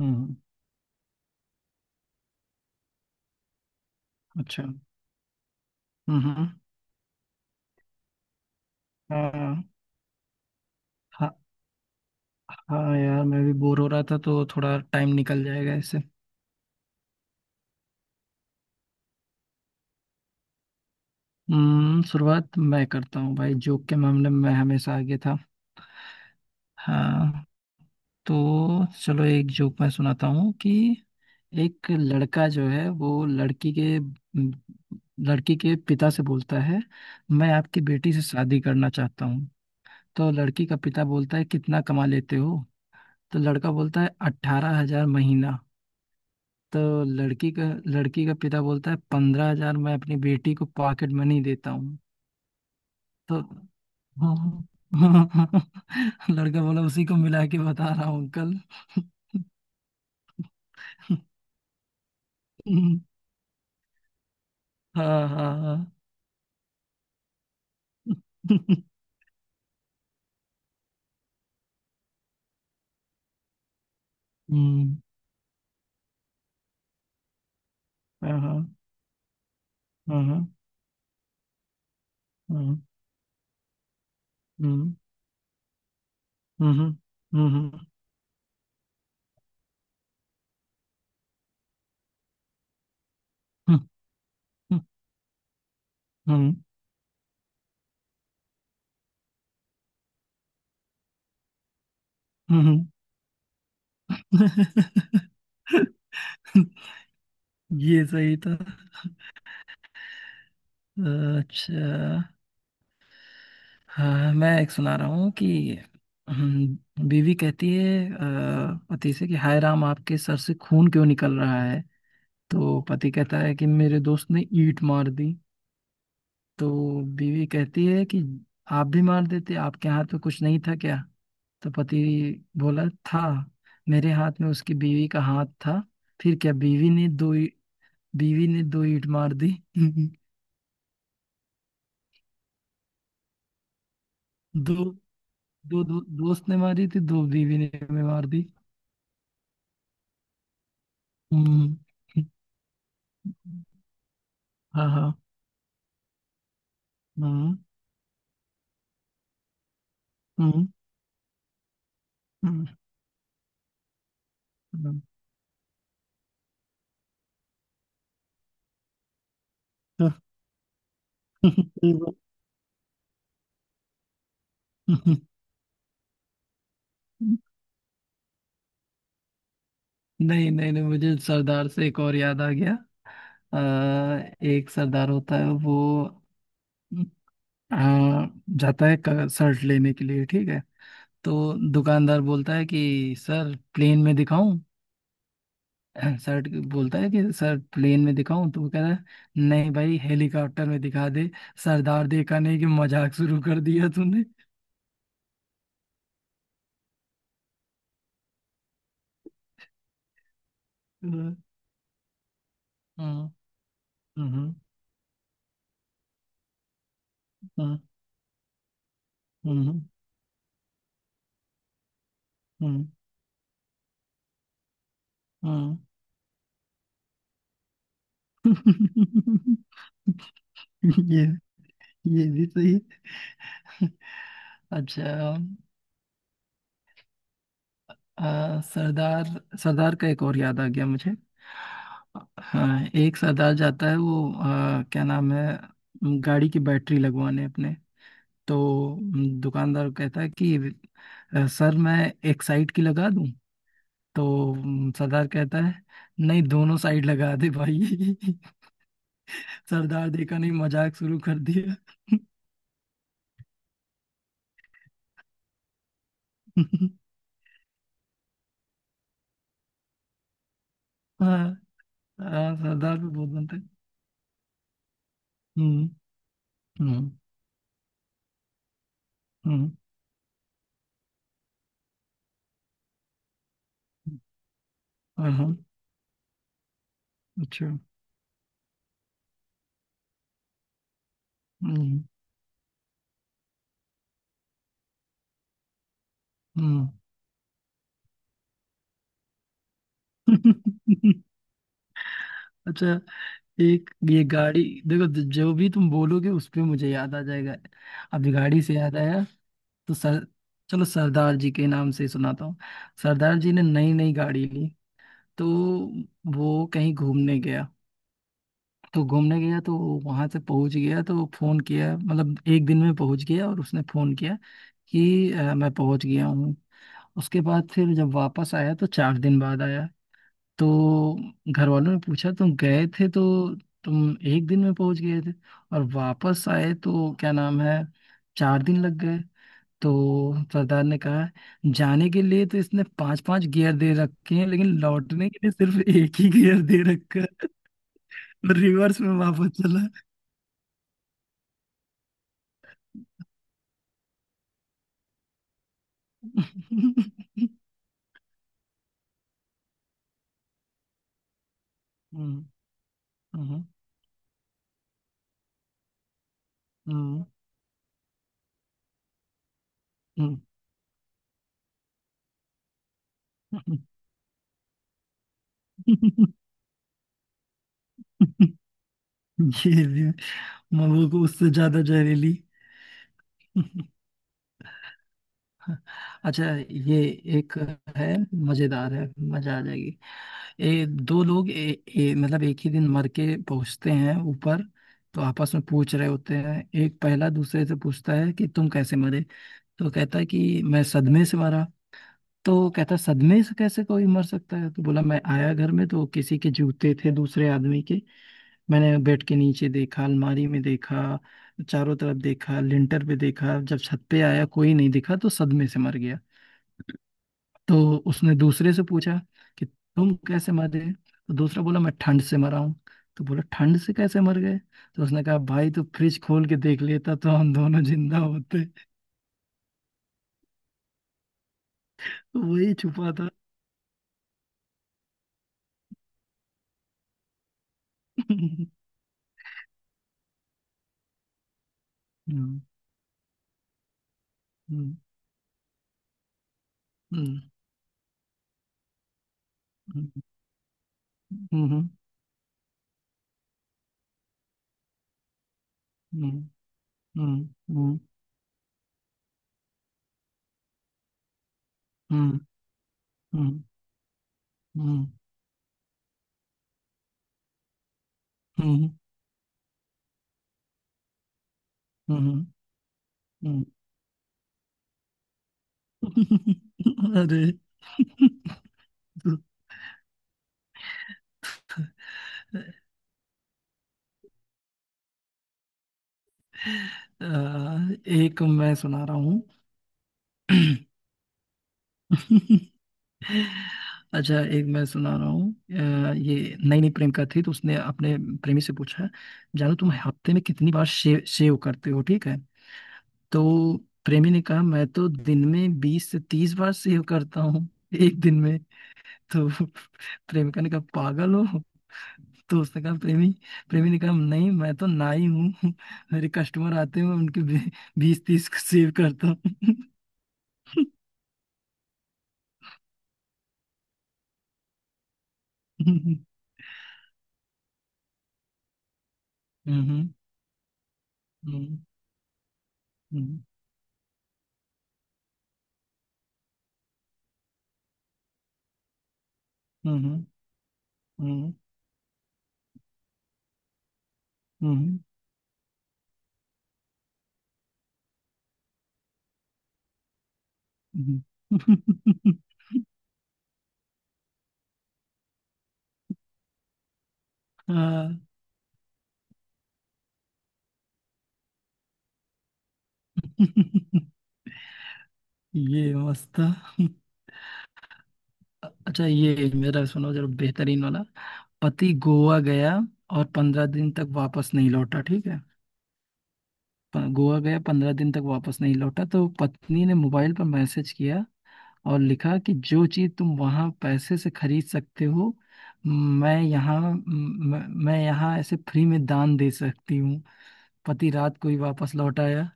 हम्म। अच्छा। हम्म। हाँ। हाँ। हाँ यार, मैं भी बोर हो रहा था तो थोड़ा टाइम निकल जाएगा इससे। शुरुआत मैं करता हूँ भाई, जोक के मामले में मैं हमेशा आगे था। हाँ, तो चलो, एक जोक मैं सुनाता हूँ कि एक लड़का जो है वो लड़की के पिता से बोलता है, मैं आपकी बेटी से शादी करना चाहता हूँ। तो लड़की का पिता बोलता है, कितना कमा लेते हो? तो लड़का बोलता है, 18,000 महीना। तो लड़की का पिता बोलता है, 15,000 मैं अपनी बेटी को पॉकेट मनी देता हूँ। तो लड़का बोला, उसी को मिला के बता रहा हूँ अंकल। हाँ, हाँ, हाँ। हम्म, हाँ, हाँ, हाँ, हाँ, हाँ। हम्म, हम्म, हम्म, हम्म, हम्म, हम्म। ये सही था। अच्छा। हाँ, मैं एक सुना रहा हूँ कि बीवी कहती है पति से कि हाय राम, आपके सर से खून क्यों निकल रहा है? तो पति कहता है कि मेरे दोस्त ने ईंट मार दी। तो बीवी कहती है कि आप भी मार देते, आपके हाथ में कुछ नहीं था क्या? तो पति बोला था, मेरे हाथ में उसकी बीवी का हाथ था। फिर क्या, बीवी ने दो ईंट मार दी। दो दो दो दोस्त ने मारी थी, दो बीवी ने भी मार दी। हम्म। Aham. हम्म, हम्म, हम्म, हम्म। तो ये वो- नहीं, नहीं, नहीं, मुझे सरदार से एक और याद आ गया। अ, एक सरदार होता है, वो अ, जाता है शर्ट लेने के लिए, ठीक है। तो दुकानदार बोलता है कि सर, प्लेन में दिखाऊं? शर्ट बोलता है कि सर, प्लेन में दिखाऊं, तो वो कह रहा है, नहीं भाई, हेलीकॉप्टर में दिखा दे। सरदार देखा नहीं कि मजाक शुरू कर दिया तूने। हम्म, हम्म, हम्म, हम्म, हम्म, हम्म। ये ये भी सही है। अच्छा। सरदार सरदार का एक और याद आ गया मुझे। हाँ, एक सरदार जाता है, वो क्या नाम है, गाड़ी की बैटरी लगवाने अपने। तो दुकानदार कहता है कि सर, मैं एक साइड की लगा दूं?" तो सरदार कहता है, नहीं दोनों साइड लगा दे भाई। सरदार देखा नहीं, मजाक शुरू कर दिया। हाँ, हाँ, सरदार भी बहुत बनते हैं। हम्म, हम्म, हम्म। हाँ, हाँ। अच्छा। हम्म, हम्म। अच्छा, एक ये गाड़ी, देखो जो भी तुम बोलोगे उस पे मुझे याद आ जाएगा। अभी गाड़ी से याद आया, तो सर, चलो सरदार जी के नाम से सुनाता हूँ। सरदार जी ने नई नई गाड़ी ली। तो वो कहीं घूमने गया। तो घूमने गया तो वहां से पहुंच गया तो फोन किया, मतलब एक दिन में पहुंच गया, और उसने फोन किया कि मैं पहुंच गया हूँ। उसके बाद फिर जब वापस आया तो चार दिन बाद आया। तो घर वालों ने पूछा, तुम गए थे तो तुम एक दिन में पहुंच गए थे, और वापस आए तो क्या नाम है, चार दिन लग गए। तो सरदार ने कहा, जाने के लिए तो इसने पांच पांच गियर दे रखे हैं, लेकिन लौटने के लिए सिर्फ एक ही गियर दे रखा है। रिवर्स में वापस चला। हम्म, हम्म, हम्म, हम्म। ये भी, मऊ को उससे ज्यादा जहरीली। अच्छा, ये एक है, मजेदार है, मजा आ जाएगी। दो लोग, ए, ए, मतलब एक ही दिन मर के पहुंचते हैं ऊपर। तो आपस में पूछ रहे होते हैं, एक पहला दूसरे से पूछता है कि तुम कैसे मरे? तो कहता है कि मैं सदमे से मरा। तो वो कहता, सदमे से कैसे कोई मर सकता है? तो बोला, मैं आया घर में तो किसी के जूते थे दूसरे आदमी के। मैंने बेड के नीचे देखा, अलमारी में देखा, चारों तरफ देखा, लिंटर पे देखा। जब छत पे आया कोई नहीं दिखा तो सदमे से मर गया। तो उसने दूसरे से पूछा कि तुम कैसे मरे? तो दूसरा बोला, मैं ठंड से मरा हूँ। तो बोला, ठंड से कैसे मर गए? तो उसने कहा, भाई तू फ्रिज खोल के देख लेता तो हम दोनों जिंदा होते। तो वही छुपा था। हम्म, हम्म, हम्म, हम्म, हम्म, हम्म। うんうんうんうんうんうんうんうんうん अरे, आ, एक मैं सुना रहा हूँ। अच्छा, एक मैं सुना रहा हूँ। ये नई नई प्रेमिका थी, तो उसने अपने प्रेमी से पूछा, जानो तुम हफ्ते में कितनी बार शेव शेव करते हो, ठीक है। तो प्रेमी ने कहा, मैं तो दिन में 20 से 30 बार शेव करता हूँ, एक दिन में। तो प्रेमिका ने कहा, पागल हो? तो उसने कहा, प्रेमी प्रेमी ने कहा, नहीं मैं तो नाई हूँ। मेरे कस्टमर आते हैं, मैं उनके 20-30 को सेव करता हूँ। हम्म, हम्म, हम्म, हम्म, हम्म, हम्म, हम्म, हम्म। हाँ, ये मस्त था। अच्छा, ये मेरा सुनो जरा बेहतरीन वाला। पति गोवा गया और 15 दिन तक वापस नहीं लौटा, ठीक है। गोवा गया, 15 दिन तक वापस नहीं लौटा, तो पत्नी ने मोबाइल पर मैसेज किया और लिखा कि जो चीज़ तुम वहाँ पैसे से खरीद सकते हो, मैं यहाँ म- मैं यहाँ ऐसे फ्री में दान दे सकती हूँ। पति रात को ही वापस लौट आया।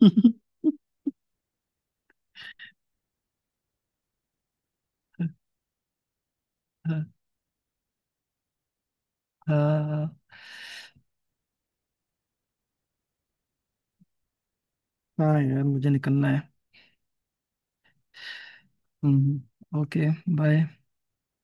हाँ, हाँ, यार मुझे निकलना है। हम्म, ओके। बाय।